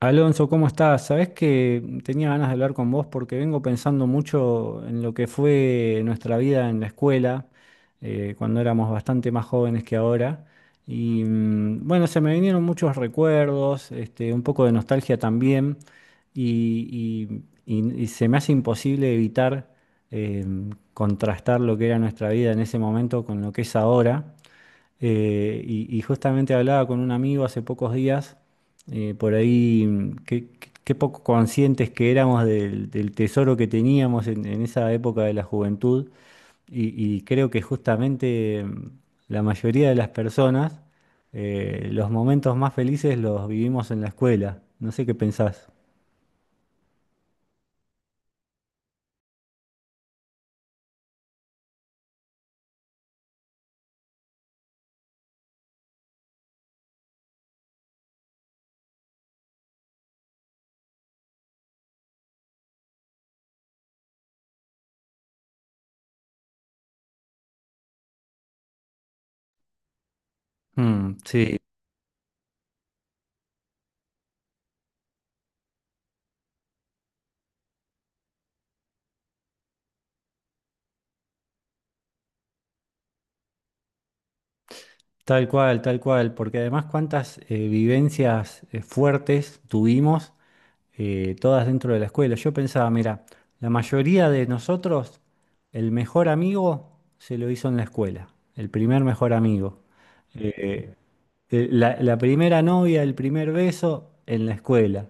Alonso, ¿cómo estás? Sabés que tenía ganas de hablar con vos porque vengo pensando mucho en lo que fue nuestra vida en la escuela, cuando éramos bastante más jóvenes que ahora. Y bueno, se me vinieron muchos recuerdos, este, un poco de nostalgia también, y se me hace imposible evitar eh, contrastar lo que era nuestra vida en ese momento con lo que es ahora. Y justamente hablaba con un amigo hace pocos días, por ahí, qué poco conscientes que éramos del tesoro que teníamos en esa época de la juventud. Y creo que justamente la mayoría de las personas, los momentos más felices los vivimos en la escuela. No sé qué pensás. Mm, sí. Tal cual, porque además cuántas vivencias fuertes tuvimos, todas dentro de la escuela. Yo pensaba, mira, la mayoría de nosotros, el mejor amigo se lo hizo en la escuela, el primer mejor amigo. Eh, la, la primera novia, el primer beso en la escuela.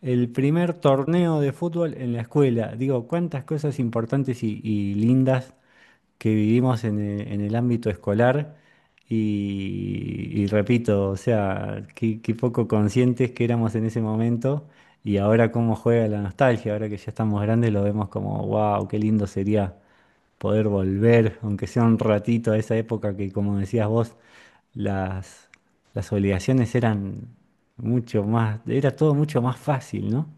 El primer torneo de fútbol en la escuela. Digo, cuántas cosas importantes y lindas que vivimos en el ámbito escolar. Y repito, o sea, qué poco conscientes que éramos en ese momento. Y ahora cómo juega la nostalgia, ahora que ya estamos grandes lo vemos como, wow, qué lindo sería poder volver, aunque sea un ratito, a esa época que, como decías vos, las, las obligaciones eran mucho más, era todo mucho más fácil, ¿no?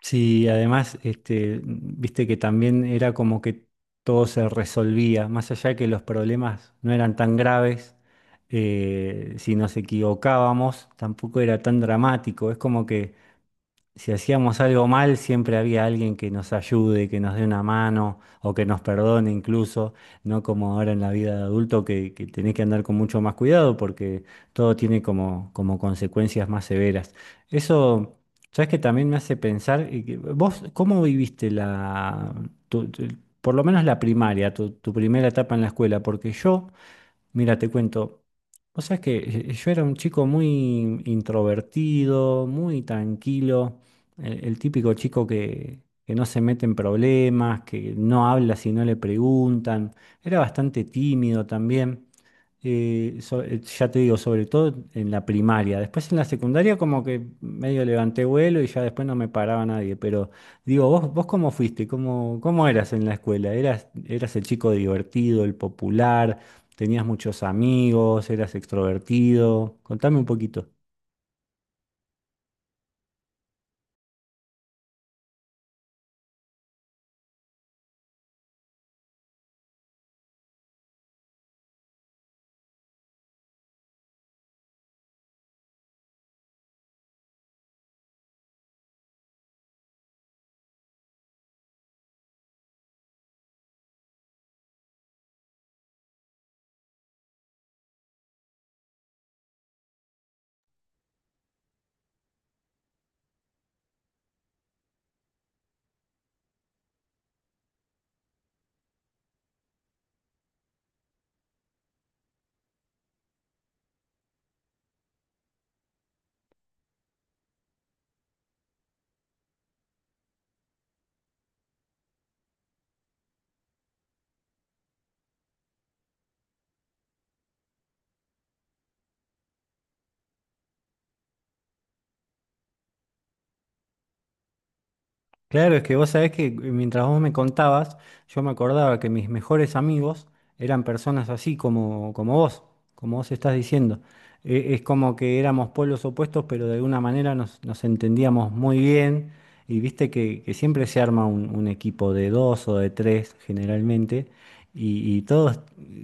Sí, además, este, viste que también era como que todo se resolvía, más allá de que los problemas no eran tan graves, si nos equivocábamos, tampoco era tan dramático, es como que si hacíamos algo mal, siempre había alguien que nos ayude, que nos dé una mano o que nos perdone incluso, no como ahora en la vida de adulto que tenés que andar con mucho más cuidado porque todo tiene como, como consecuencias más severas. Eso, sabes que también me hace pensar, y que- vos, ¿cómo viviste la, tu- tu- por lo menos la primaria, tu primera etapa en la escuela? Porque yo... Mira, te cuento. O sea, es que yo era un chico muy introvertido, muy tranquilo, el típico chico que no se mete en problemas, que no habla si no le preguntan. Era bastante tímido también. Ya te digo, sobre todo en la primaria. Después en la secundaria como que medio levanté vuelo y ya después no me paraba nadie. Pero digo, vos cómo fuiste? Cómo eras en la escuela? Eras el chico divertido, el popular? ¿Tenías muchos amigos? ¿Eras extrovertido? Contame un poquito. Claro, es que vos sabés que mientras vos me contabas, yo me acordaba que mis mejores amigos eran personas así como, como vos estás diciendo. Es como que éramos pueblos opuestos, pero de alguna manera nos entendíamos muy bien. Y viste que siempre se arma un equipo de dos o de tres generalmente. Y todos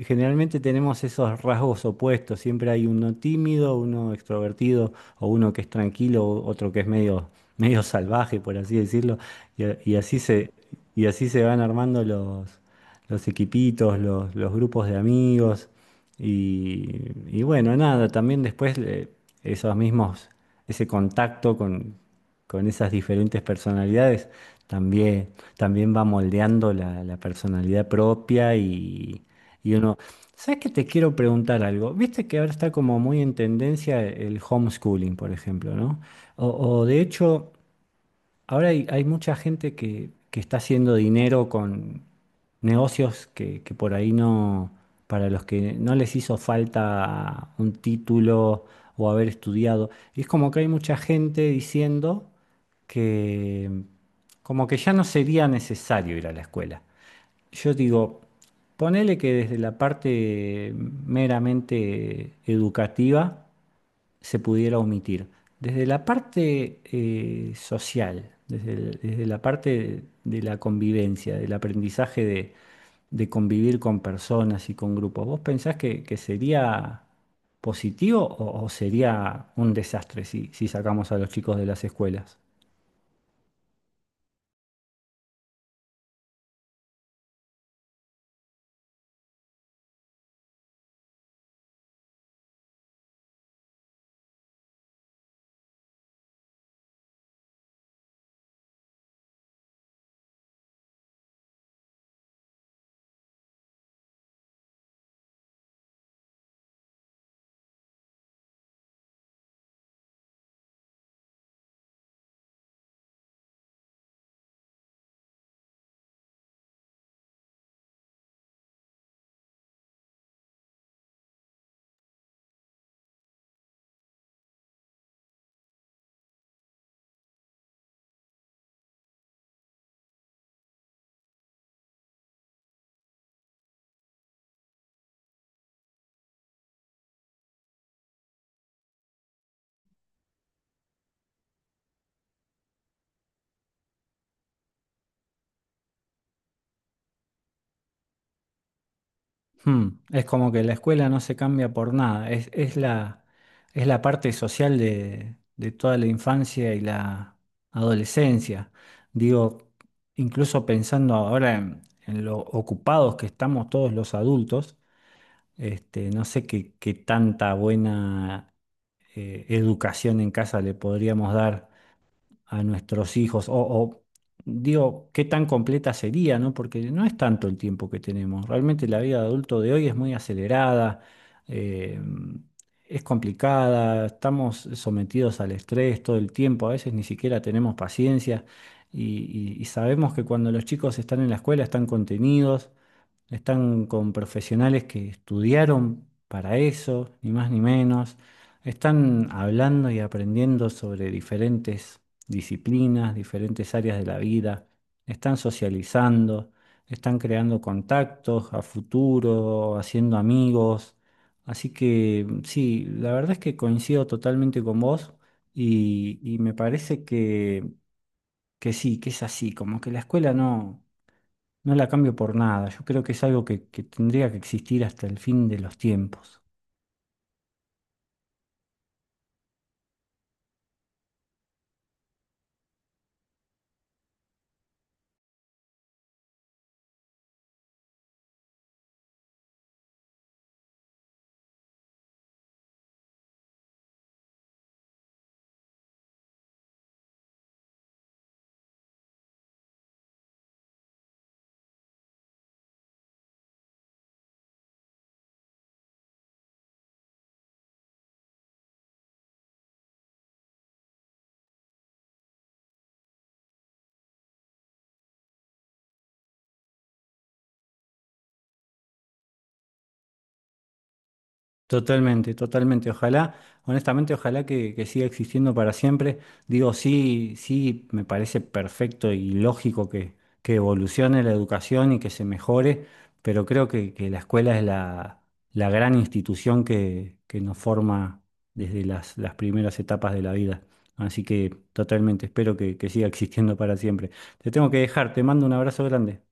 generalmente tenemos esos rasgos opuestos. Siempre hay uno tímido, uno extrovertido, o uno que es tranquilo, o otro que es medio, medio salvaje, por así decirlo. Y, a- y así se, y así se van armando los equipitos, los grupos de amigos. Y bueno, nada, también después esos mismos, ese contacto con esas diferentes personalidades también, también va moldeando la personalidad propia y uno... ¿Sabes que te quiero preguntar algo? Viste que ahora está como muy en tendencia el homeschooling, por ejemplo, ¿no? O, o de hecho, ahora hay mucha gente que está haciendo dinero con negocios que por ahí no, para los que no les hizo falta un título o haber estudiado. Y es como que hay mucha gente diciendo que como que ya no sería necesario ir a la escuela. Yo digo, ponele que desde la parte meramente educativa, se pudiera omitir. Desde la parte social, desde la parte de la convivencia, del aprendizaje de convivir con personas y con grupos, ¿vos pensás que sería positivo o sería un desastre si, si sacamos a los chicos de las escuelas? Es como que la escuela no se cambia por nada, es, es la parte social de toda la infancia y la adolescencia. Digo, incluso pensando ahora en lo ocupados que estamos todos los adultos, este, no sé qué tanta buena educación en casa le podríamos dar a nuestros hijos, o, digo, qué tan completa sería, ¿no? Porque no es tanto el tiempo que tenemos. Realmente la vida de adulto de hoy es muy acelerada, eh, es complicada, estamos sometidos al estrés todo el tiempo, a veces ni siquiera tenemos paciencia y sabemos que cuando los chicos están en la escuela están contenidos. Están con profesionales que estudiaron para eso, ni más ni menos. Están hablando y aprendiendo sobre diferentes disciplinas, diferentes áreas de la vida. Están socializando, están creando contactos a futuro, haciendo amigos. Así que sí, la verdad es que coincido totalmente con vos y me parece que sí, que es así, como que la escuela no... No la cambio por nada. Yo creo que es algo que tendría que existir hasta el fin de los tiempos. Totalmente, totalmente. Ojalá, honestamente, ojalá que siga existiendo para siempre. Digo, sí, sí, me parece perfecto y lógico que evolucione la educación y que se mejore, pero creo que la escuela es la, la gran institución que nos forma desde las primeras etapas de la vida. Así que totalmente, espero que siga existiendo para siempre. Te tengo que dejar, te mando un abrazo grande.